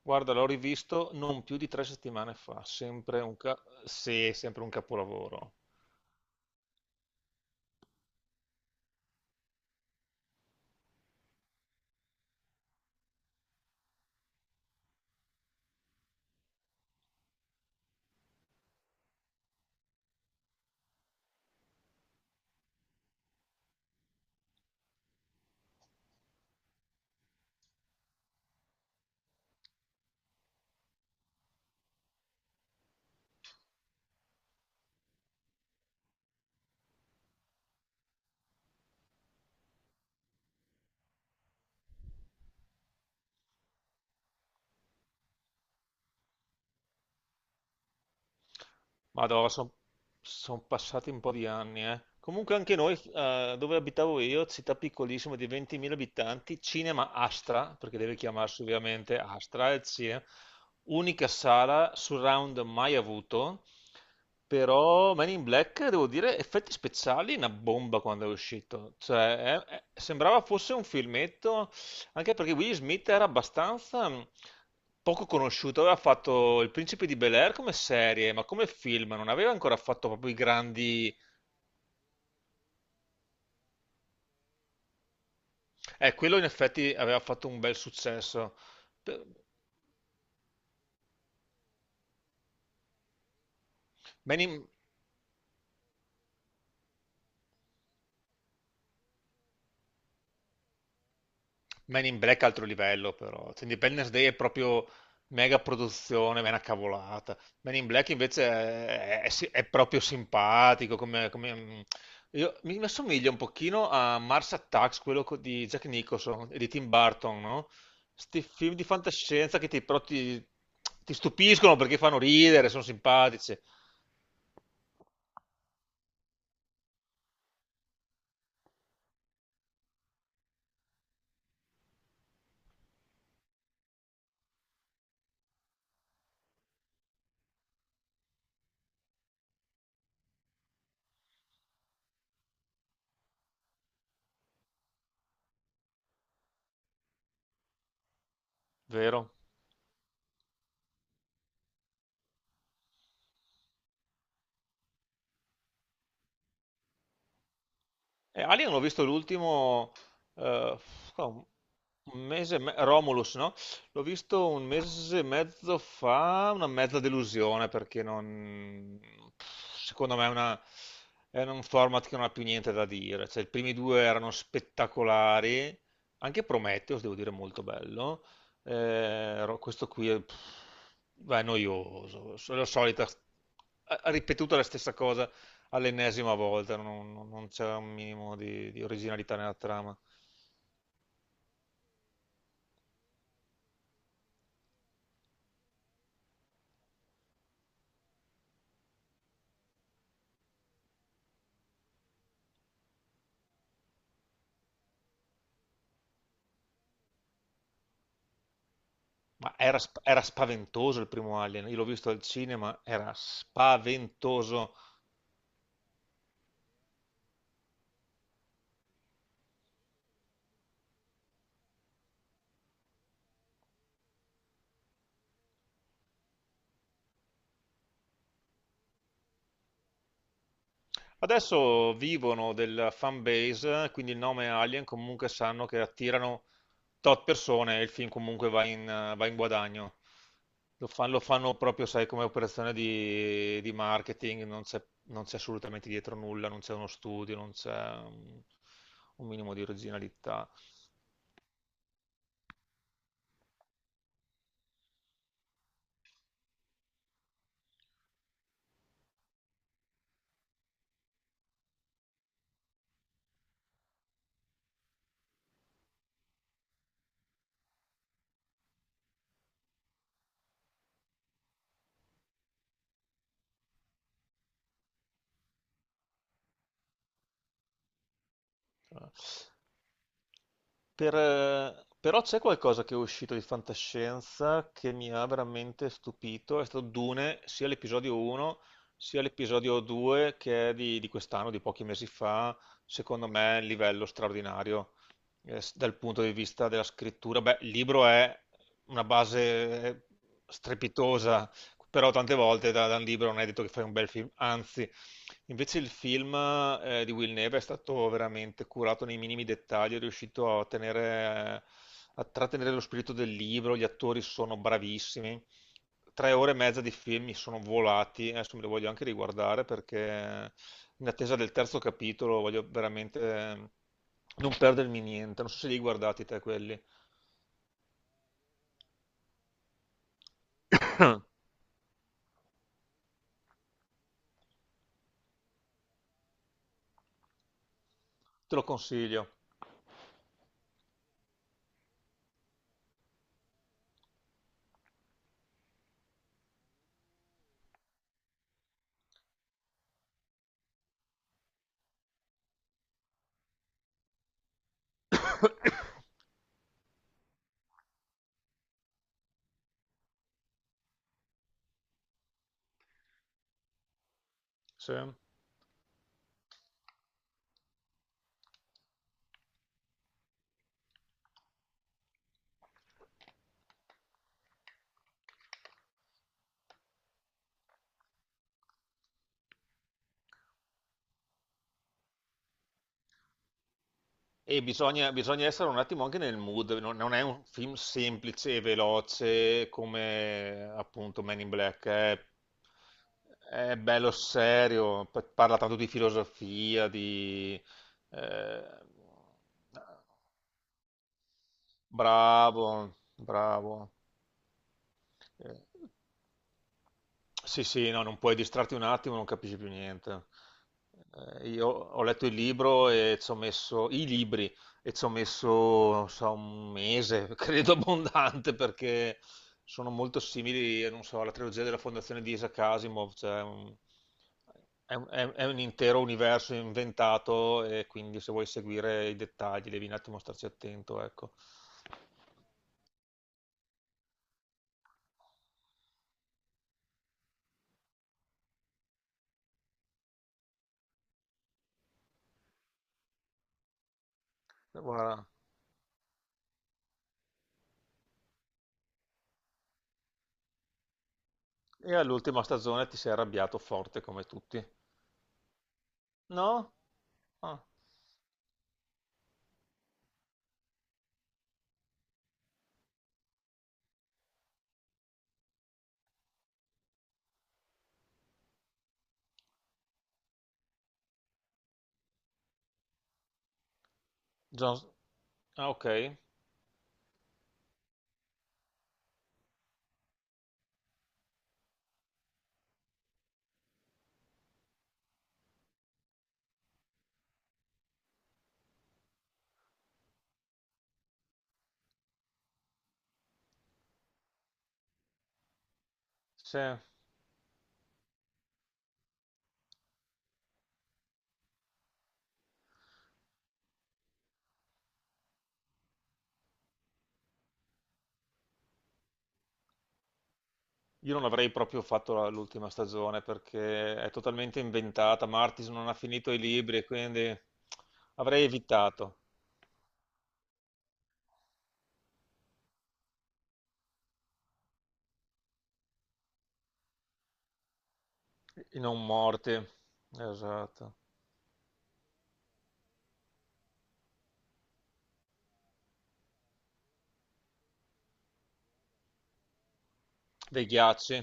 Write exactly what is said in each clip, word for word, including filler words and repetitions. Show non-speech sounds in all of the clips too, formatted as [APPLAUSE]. Guarda, l'ho rivisto non più di tre settimane fa, sempre un, ca- sì, è sempre un capolavoro. Madonna, sono passati un po' di anni, eh. Comunque anche noi, eh, dove abitavo io, città piccolissima di ventimila abitanti, cinema Astra, perché deve chiamarsi ovviamente Astra, il cinema, unica sala surround mai avuto, però Man in Black, devo dire, effetti speciali, una bomba quando è uscito. Cioè, è- è- sembrava fosse un filmetto. Anche perché Will Smith era abbastanza mh, poco conosciuto, aveva fatto Il Principe di Bel-Air come serie, ma come film non aveva ancora fatto proprio i grandi... Eh, quello in effetti aveva fatto un bel successo. Pe- Man in, Men in Black è altro livello però, cioè, Independence Day è proprio mega produzione, ma è una cavolata. Men in Black invece è, è si- è proprio simpatico, come, come, mm, io- mi, mi assomiglia un pochino a Mars Attacks, quello co- di Jack Nicholson e di Tim Burton, no? Sti film di fantascienza che ti, però ti, ti stupiscono perché fanno ridere, sono simpatici, vero? Eh, Alien l'ho visto l'ultimo, eh, un un mese, e me- Romulus, no? L'ho visto un mese e mezzo fa, una mezza delusione perché non, secondo me è, una- è un format che non ha più niente da dire. Cioè, i primi due erano spettacolari, anche Prometheus, devo dire, molto bello. Eh, ro- questo qui è, pff, beh, è noioso, è la solita, ha ha ripetuto la stessa cosa all'ennesima volta, non, non- non c'era un minimo di, di originalità nella trama. Ma era, sp- era spaventoso il primo Alien, io l'ho visto al cinema, era spaventoso. Adesso vivono della fan base, quindi il nome Alien comunque sanno che attirano tot persone e il film comunque va in, eh, va in guadagno. Lo fan- lo fanno, proprio, sai, come operazione di, di marketing, non c'è non c'è assolutamente dietro nulla, non c'è uno studio, non c'è un un minimo di originalità. Per- eh, però c'è qualcosa che è uscito di fantascienza che mi ha veramente stupito, è stato Dune, sia l'episodio uno sia l'episodio due che è di, di quest'anno, di pochi mesi fa, secondo me è un livello straordinario eh, s- dal punto di vista della scrittura. Beh, il libro è una base strepitosa, però tante volte da, da un libro non è detto che fai un bel film, anzi, invece il film eh, di Will Neve è stato veramente curato nei minimi dettagli, è riuscito a tenere, a trattenere lo spirito del libro, gli attori sono bravissimi. Tre ore e mezza di film mi sono volati, adesso me li voglio anche riguardare perché in attesa del terzo capitolo voglio veramente eh, non perdermi niente, non so se li hai guardati te quelli. [COUGHS] Te lo consiglio. [COUGHS] Sì. E bisogna, bisogna essere un attimo anche nel mood, non, non è un film semplice e veloce come appunto Men in Black, è, è bello serio, pa- parla tanto di filosofia, di... eh, bravo, bravo. Eh, Sì, sì, no, non puoi distrarti un attimo, non capisci più niente. Eh, io ho letto il libro e ci ho messo i libri e ci ho messo, non so, un mese, [LAUGHS] credo abbondante, perché sono molto simili, eh, non so, alla trilogia della Fondazione di Isaac Asimov, cioè un- è un, è un- è un intero universo inventato e quindi se vuoi seguire i dettagli devi un attimo starci attento, ecco. Guarda, e all'ultima stagione ti sei arrabbiato forte come tutti. No? Ah. Jones- ah, ok. Sì. Io non avrei proprio fatto la- l'ultima stagione perché è totalmente inventata. Martis non ha finito i libri, e quindi avrei evitato i non morti. Esatto. Dei ghiacci.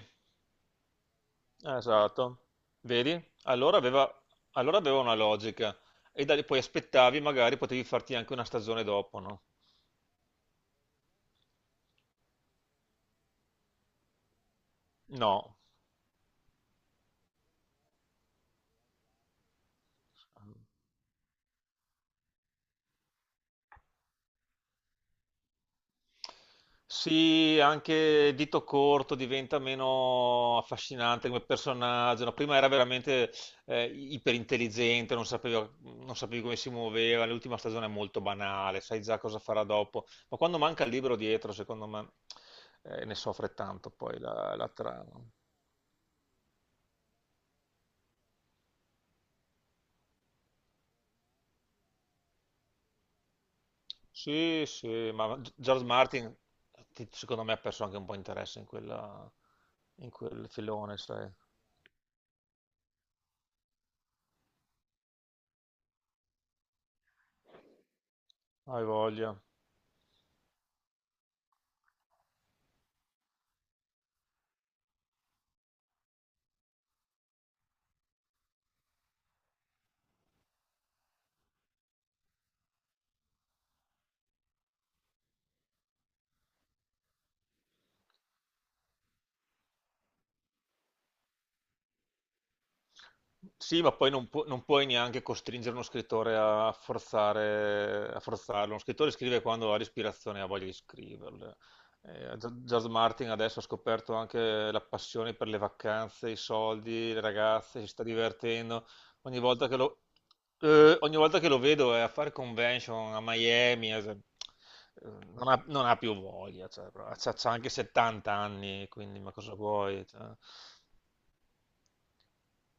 Esatto. Vedi? Allora aveva, allora aveva una logica. E da lì poi aspettavi, magari potevi farti anche una stagione dopo, no? No. Sì, anche Dito Corto diventa meno affascinante come personaggio. No, prima era veramente eh, iperintelligente, non sapevo- non sapevi come si muoveva. L'ultima stagione è molto banale, sai già cosa farà dopo. Ma quando manca il libro dietro, secondo me, eh, ne soffre tanto poi la, la trama. Sì, sì, ma George Martin, ti- secondo me, ha perso anche un po' interesse in quella- in quel filone, sai. Hai voglia. Sì, ma poi non, pu- non puoi neanche costringere uno scrittore a forzare, a forzarlo. Uno scrittore scrive quando ha l'ispirazione e ha voglia di scriverle. Eh, Gio- George Martin adesso ha scoperto anche la passione per le vacanze, i soldi, le ragazze, si sta divertendo. Ogni volta che lo, eh, Ogni volta che lo vedo è a fare convention a Miami, eh, non ha, non ha più voglia, cioè, però ha c'ha- c'ha anche settanta anni, quindi ma cosa vuoi? Cioè.